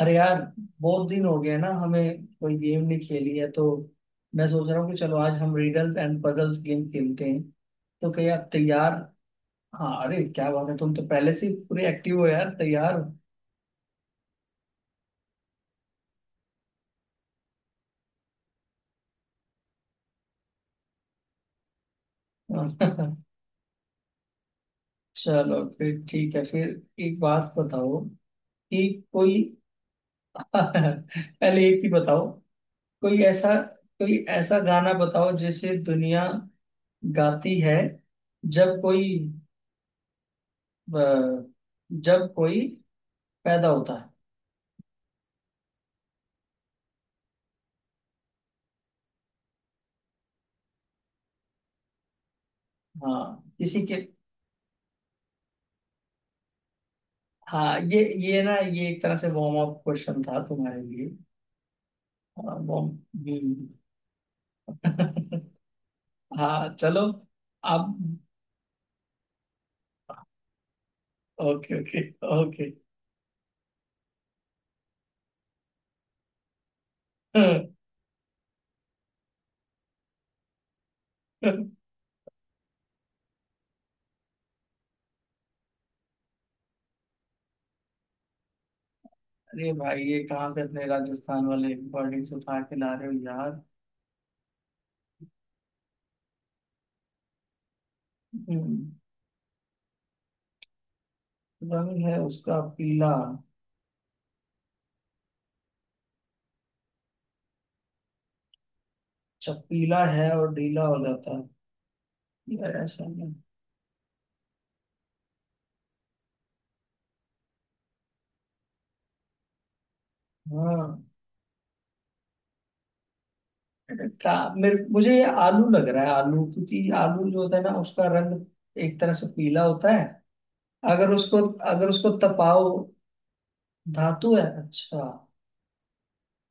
अरे यार, बहुत दिन हो गया ना, हमें कोई गेम नहीं खेली है। तो मैं सोच रहा हूँ कि चलो आज हम रिडल्स एंड पजल्स गेम खेलते हैं। तो क्या आप तैयार? हाँ, अरे क्या बात है, तुम तो पहले से ही पूरे एक्टिव हो यार। तैयार हो। चलो फिर, ठीक है फिर। एक बात बताओ कि कोई। पहले एक ही बताओ। कोई ऐसा कोई ऐसा गाना बताओ जिसे दुनिया गाती है जब कोई, अ, जब कोई पैदा होता है। हाँ, किसी के। हाँ, ये ना, ये एक तरह से वार्म अप क्वेश्चन था तुम्हारे लिए। हाँ वार्म। हाँ चलो। अब ओके, ओके, ओके। अरे भाई, ये कहाँ से अपने राजस्थान वाले वर्डिंग्स उठा के ला रहे हो यार? हम्म। रंग है उसका पीला। अच्छा, पीला है और ढीला हो जाता है। यार ऐसा नहीं। हाँ का मेरे, मुझे ये आलू लग रहा है, आलू, क्योंकि आलू जो होता है ना उसका रंग एक तरह से पीला होता है। अगर उसको अगर उसको तपाओ। धातु है अच्छा।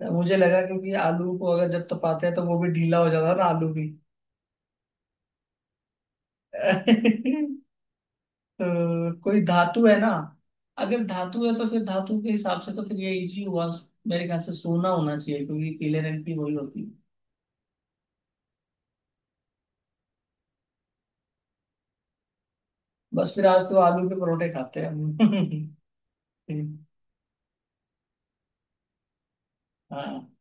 तो मुझे लगा क्योंकि आलू को अगर जब तपाते हैं तो वो भी ढीला हो जाता है ना, आलू भी। तो कोई धातु है ना। अगर धातु है तो फिर धातु के हिसाब से तो फिर ये इजी हुआ। मेरे ख्याल से सोना होना चाहिए, क्योंकि पीले रंग की वही होती है। बस फिर आज तो आलू के परोठे खाते हैं हम। हाँ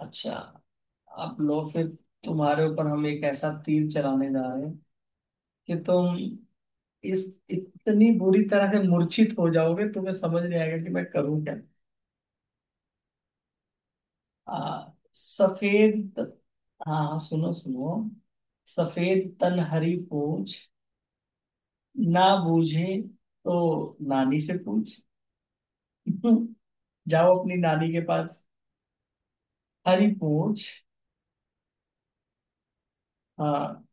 अच्छा। आप लो फिर। तुम्हारे ऊपर हम एक ऐसा तीर चलाने जा रहे हैं कि तुम इस इतनी बुरी तरह से मूर्छित हो जाओगे, तुम्हें समझ नहीं आएगा कि मैं करूं क्या। सफेद। हाँ, हाँ, सुनो सुनो। सफेद तन हरी पूछ, ना बूझे तो नानी से पूछ। जाओ अपनी नानी के पास। हरी पूछ। हाँ,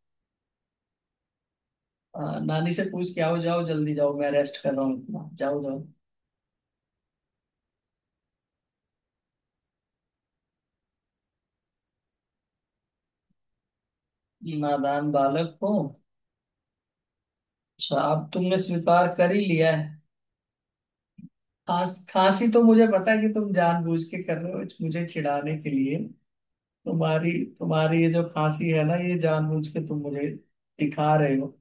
हाँ, नानी से पूछ के आओ, जाओ जल्दी जाओ, मैं रेस्ट कर रहा हूँ इतना, जाओ जाओ। नादान बालक हो। अच्छा, अब तुमने स्वीकार कर ही लिया है। खांसी तो मुझे पता है कि तुम जानबूझ के कर रहे हो, मुझे चिढ़ाने के लिए। तुम्हारी तुम्हारी ये जो खांसी है ना, ये जानबूझ के तुम मुझे दिखा रहे हो।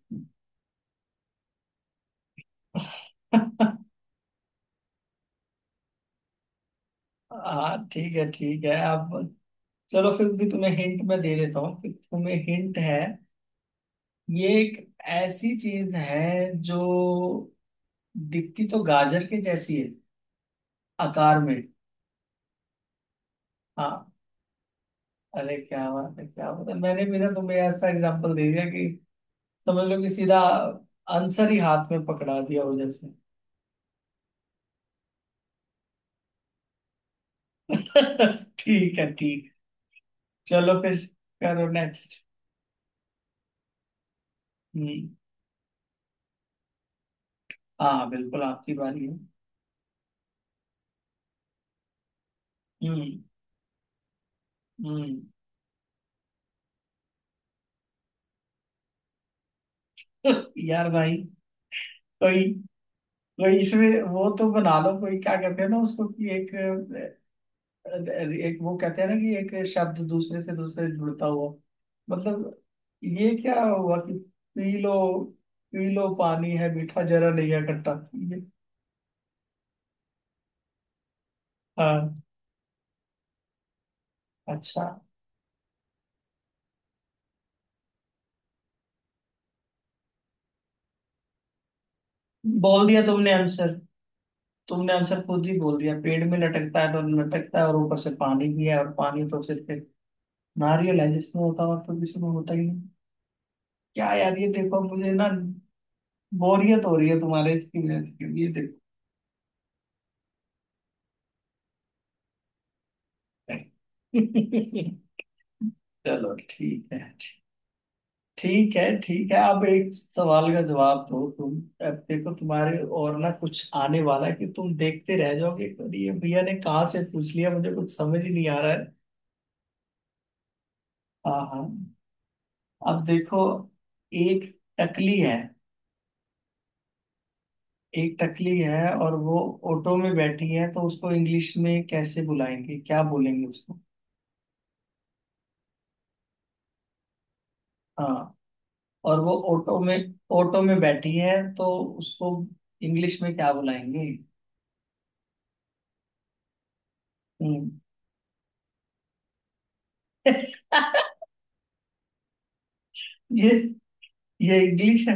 हाँ ठीक है, ठीक है अब। चलो फिर भी तुम्हें हिंट मैं दे देता हूँ कि तुम्हें हिंट है। ये एक ऐसी चीज है जो दिखती तो गाजर के जैसी है, आकार में। हाँ, अरे क्या बात है, क्या बात है, मैंने भी ना तुम्हें ऐसा एग्जांपल दे दिया कि समझ लो कि सीधा आंसर ही हाथ में पकड़ा दिया वजह से। ठीक है ठीक। चलो फिर, करो नेक्स्ट। हम्म। हाँ बिल्कुल आपकी बारी है। हम्म। हम्म। यार भाई, कोई कोई इसमें वो तो बना लो, कोई क्या कहते हैं ना उसको कि एक, एक वो कहते हैं ना कि एक शब्द दूसरे से दूसरे जुड़ता हुआ, मतलब। ये क्या हुआ कि पी लो, पी लो पानी है मीठा, जरा नहीं है खट्टा। ये, हाँ, अच्छा। बोल दिया तुमने आंसर। तुमने आंसर खुद ही बोल दिया, पेड़ में लटकता है तो लटकता है और ऊपर से पानी भी है, और पानी तो सिर्फ एक नारियल है जिसमें होता हुआ, तो किसी में होता ही नहीं। क्या यार ये देखो, मुझे ना बोरियत हो रही है तुम्हारे इसकी वजह से, ये देखो। चलो ठीक है। ठीक है, ठीक है, अब एक सवाल का जवाब दो तुम। अब देखो तुम्हारे और ना कुछ आने वाला है कि तुम देखते रह जाओगे कि ये भैया ने कहाँ से पूछ लिया, मुझे कुछ समझ ही नहीं आ रहा है। हाँ, हाँ। अब देखो, एक टकली है एक टकली है और वो ऑटो में बैठी है, तो उसको इंग्लिश में कैसे बुलाएंगे, क्या बोलेंगे उसको। हाँ, और वो ऑटो में बैठी है, तो उसको इंग्लिश में क्या बुलाएंगे। हम्म। ये ये इंग्लिश है?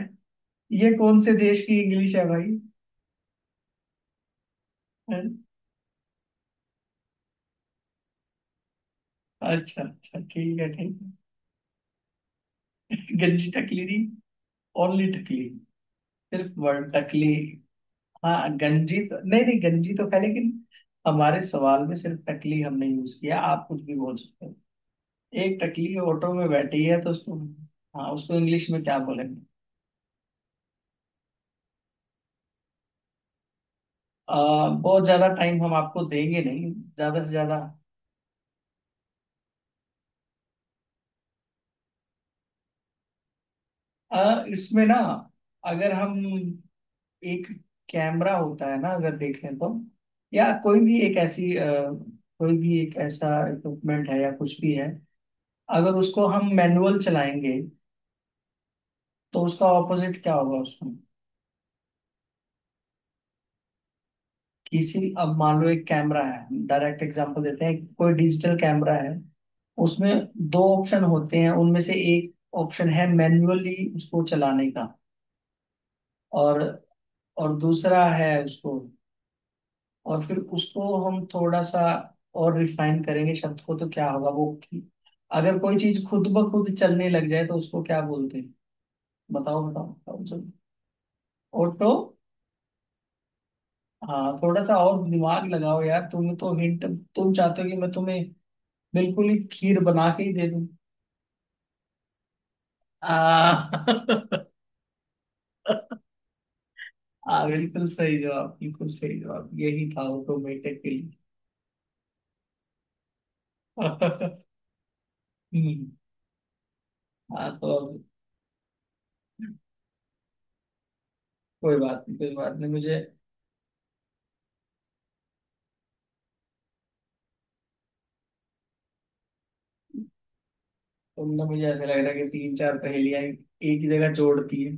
ये कौन से देश की इंग्लिश है भाई? हैं? अच्छा, अच्छा, ठीक है ठीक। है गंजी टकली नहीं, ओनली टकली, सिर्फ वर्ड टकली। हाँ गंजी तो नहीं, नहीं गंजी तो खाई लेकिन हमारे सवाल में सिर्फ टकली हमने यूज किया, आप कुछ भी बोल सकते हो। एक टकली ऑटो में बैठी है तो उसको। हाँ, उसको इंग्लिश में क्या बोलेंगे? आ, बहुत ज्यादा टाइम हम आपको देंगे नहीं, ज्यादा से ज्यादा। इसमें ना, अगर हम एक, कैमरा होता है ना अगर देख लें तो, या कोई भी एक ऐसी, कोई भी एक ऐसा इक्विपमेंट है या कुछ भी है, अगर उसको हम मैनुअल चलाएंगे तो उसका ऑपोजिट क्या होगा उसमें। किसी, अब मान लो एक कैमरा है, डायरेक्ट एग्जांपल देते हैं, कोई डिजिटल कैमरा है, उसमें दो ऑप्शन होते हैं, उनमें से एक ऑप्शन है मैन्युअली उसको चलाने का, और दूसरा है उसको, और फिर उसको हम थोड़ा सा और रिफाइन करेंगे शब्द को, तो क्या होगा वो कि अगर कोई चीज खुद ब खुद चलने लग जाए तो उसको क्या बोलते हैं। बताओ बताओ बताओ, चलो। ऑटो। हाँ, थोड़ा सा और दिमाग लगाओ यार, तुम तो हिंट, तुम चाहते हो कि मैं तुम्हें बिल्कुल ही खीर बना के ही दे दूं। आ, हाँ, बिल्कुल सही जवाब, बिल्कुल सही जवाब, यही था ऑटोमेटिकली। हम्म। हाँ तो अब, कोई बात नहीं, कोई बात नहीं मुझे। तुमने मुझे, ऐसा लग रहा है कि तीन चार पहेलियां एक ही जगह जोड़ती है।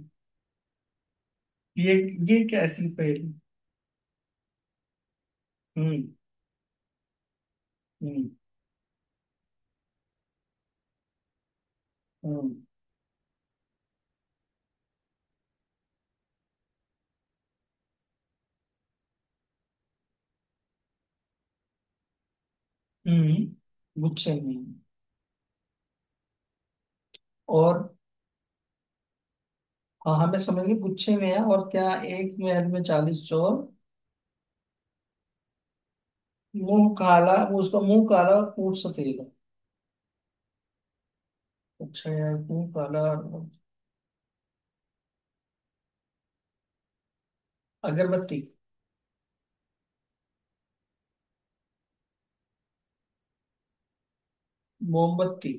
ये ये कैसी पहेली? हम्म। हम्म। हम्म। हम्म, गुच्छे में है। और हाँ, हमें समझ गए, गुच्छे में है और क्या, एक महल में 40 चोर, मुंह काला, उसका मुंह काला और पूंछ सफेद। अच्छा यार, मुंह काला। अगरबत्ती। मोमबत्ती।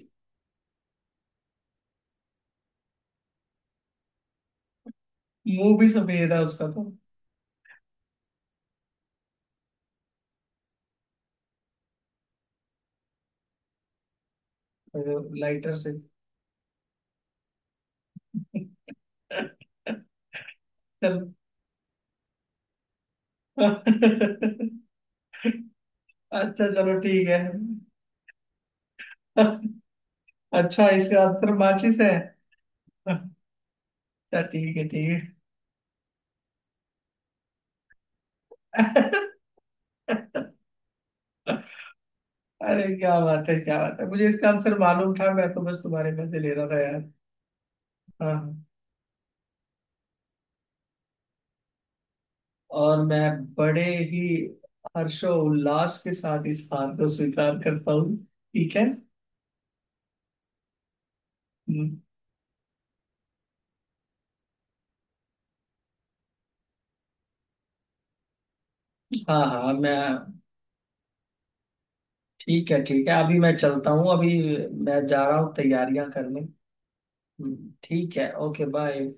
मुंह भी सफेद है उसका तो। लाइटर से। चल अच्छा, चलो ठीक है। अच्छा इसका आंसर माचिस है। अच्छा ठीक है, ठीक है। अरे क्या बात है, क्या बात है, मुझे इसका आंसर मालूम था, मैं तो बस तुम्हारे में से ले रहा था यार। हाँ, और मैं बड़े ही हर्षो उल्लास के साथ इस हार को स्वीकार करता हूँ। ठीक है। हम्म। हाँ, हाँ, मैं। ठीक है, ठीक है, अभी मैं चलता हूँ, अभी मैं जा रहा हूँ तैयारियां करने। ठीक है, ओके बाय।